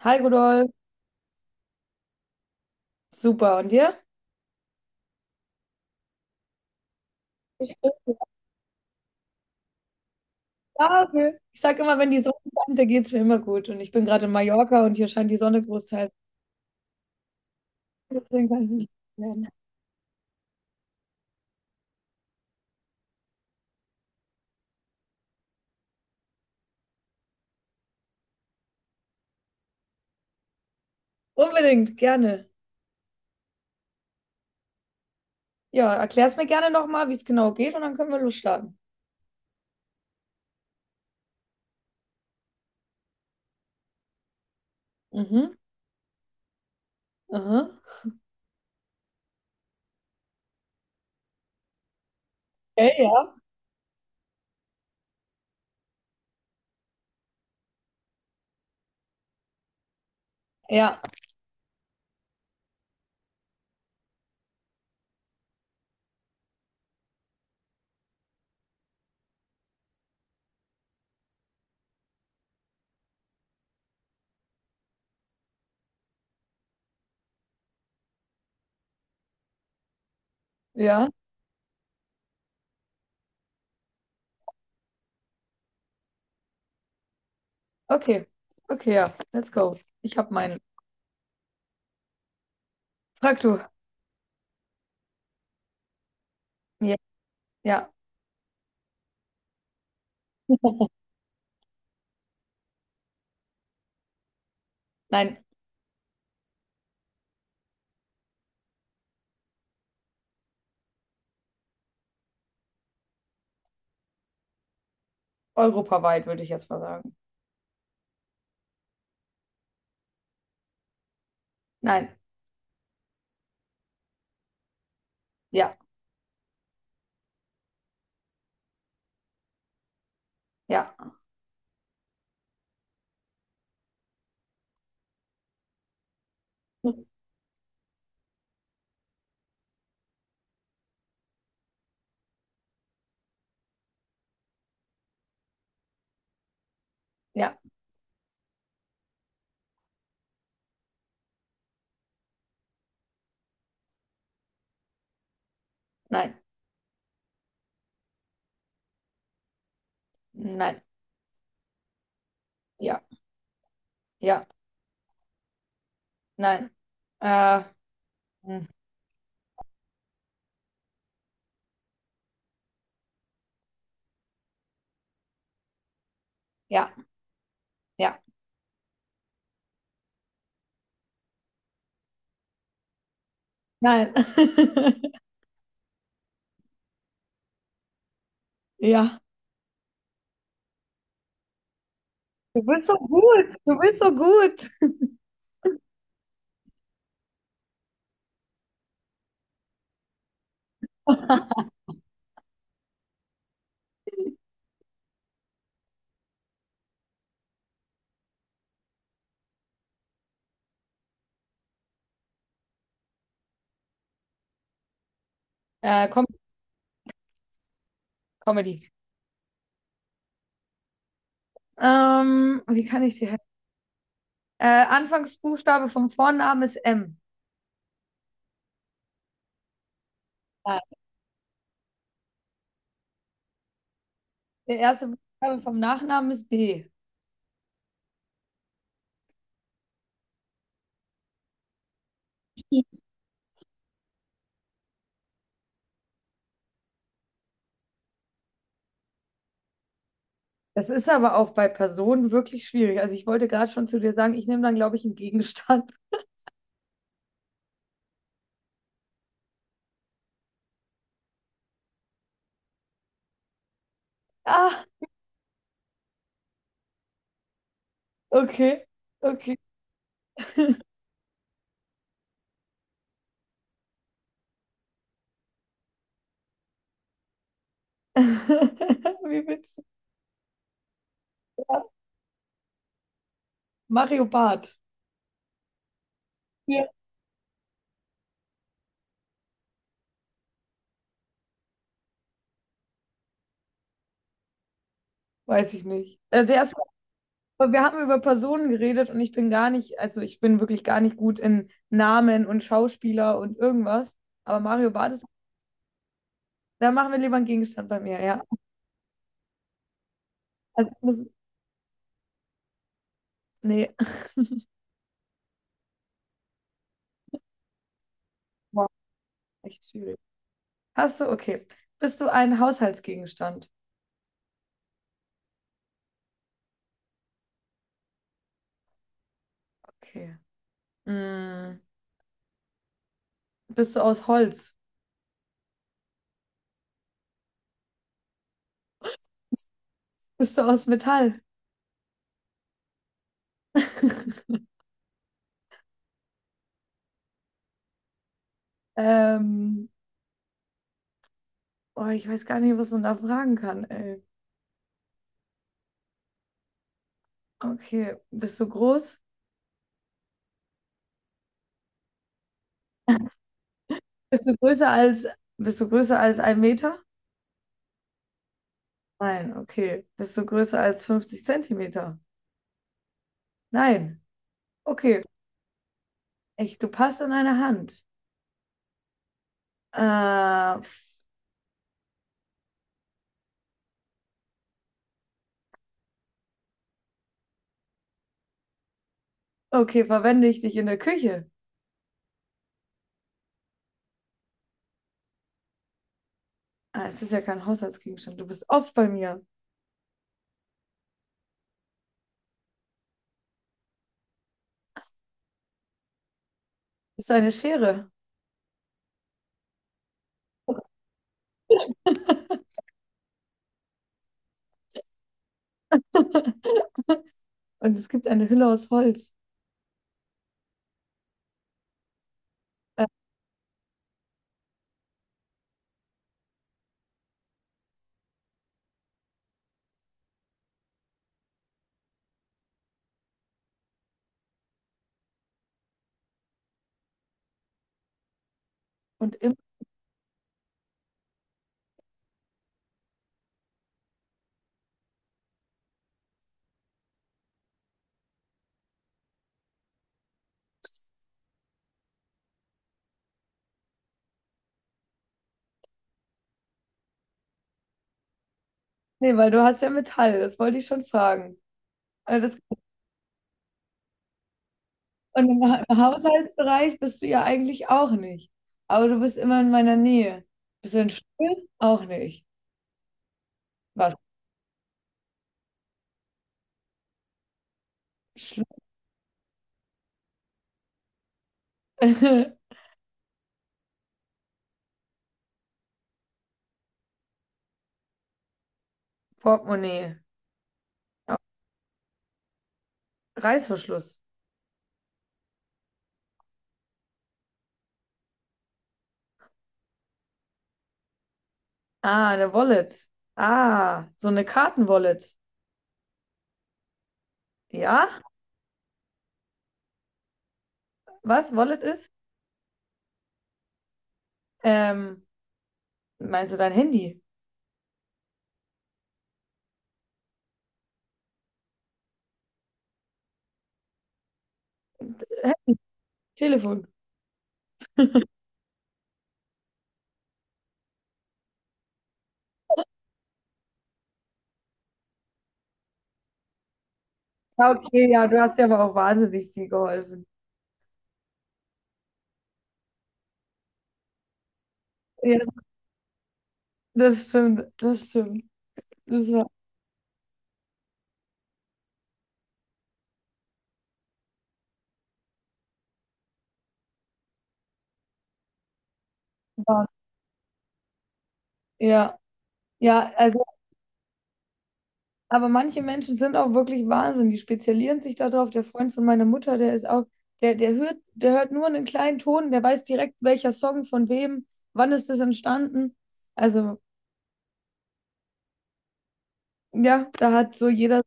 Hi Rudolf, super. Und dir? Danke. Ich sag immer, wenn die Sonne scheint, da geht's mir immer gut. Und ich bin gerade in Mallorca und hier scheint die Sonne großteils. Deswegen kann ich mich nicht werden. Unbedingt, gerne. Ja, erklär's mir gerne nochmal, wie es genau geht und dann können wir losstarten. Mhm, aha. Okay, ja. Ja, ja. Okay. Okay, ja. Let's go. Ich habe meinen. Frag du. Ja, ja. Nein. Europaweit würde ich jetzt mal sagen. Nein. Ja. Ja. Ja. Nein. Nein. Ja. Ja. Nein. Äh, hm, ja, ja. Nein. Ja. Du bist so gut, du bist so gut. Äh, Com Comedy. Wie kann ich dir helfen? Anfangsbuchstabe vom Vornamen ist M. Ah, der erste Buchstabe vom Nachnamen ist B. Das ist aber auch bei Personen wirklich schwierig. Also ich wollte gerade schon zu dir sagen, ich nehme dann, glaube ich, einen Gegenstand. Ah, okay, okay. Wie witzig. Ja. Mario Barth. Ja. Weiß ich nicht. Also der erste Aber wir haben über Personen geredet und ich bin gar nicht, also ich bin wirklich gar nicht gut in Namen und Schauspieler und irgendwas. Aber Mario Barth ist, Da machen wir lieber einen Gegenstand bei mir, ja. Also, Nee, boah, echt schwierig. Hast du, okay. Bist du ein Haushaltsgegenstand? Okay. Mm, Bist du aus Holz? Bist du aus Metall? ähm, oh, ich weiß gar nicht, was man da fragen kann, ey. Okay. Bist du groß? Bist du größer als, Bist du größer als ein Meter? Nein, okay. Bist du größer als 50 Zentimeter? Nein. Okay. Echt, du passt in eine Hand. Äh, okay, verwende ich dich in der Küche? Ah, es ist ja kein Haushaltsgegenstand. Du bist oft bei mir. Bist du eine Schere? Und es gibt eine Hülle aus Holz. Äh, und immer, Nee, weil du hast ja Metall, das wollte ich schon fragen. Also das, und im, Ha- Im Haushaltsbereich bist du ja eigentlich auch nicht. Aber du bist immer in meiner Nähe. Bist du ein Stuhl? Auch nicht. Was? Schlu Portemonnaie. Oh, Reißverschluss. Ah, eine Wallet. Ah, so eine Kartenwallet. Ja? Was Wallet ist? Ähm, Meinst du dein Handy? Hä? Telefon. Ja, okay, ja, du hast ja aber auch wahnsinnig viel geholfen. Ja, das stimmt, das stimmt. Das war, war- ja, ja, also. Aber manche Menschen sind auch wirklich Wahnsinn. Die spezialisieren sich darauf. Der Freund von meiner Mutter, der ist auch, der, der hört nur einen kleinen Ton, der weiß direkt, welcher Song von wem, wann ist das entstanden. Also, ja, da hat so jeder,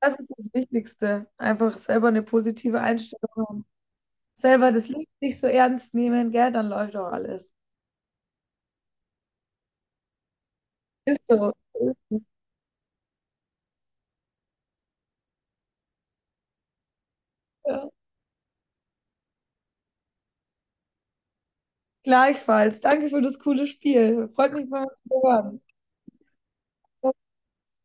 das ist das Wichtigste. Einfach selber eine positive Einstellung haben. Selber das Leben nicht so ernst nehmen, gell, dann läuft auch alles. Ist so. Ja. Gleichfalls. Danke für das coole Spiel. Freut mich mal zu hören.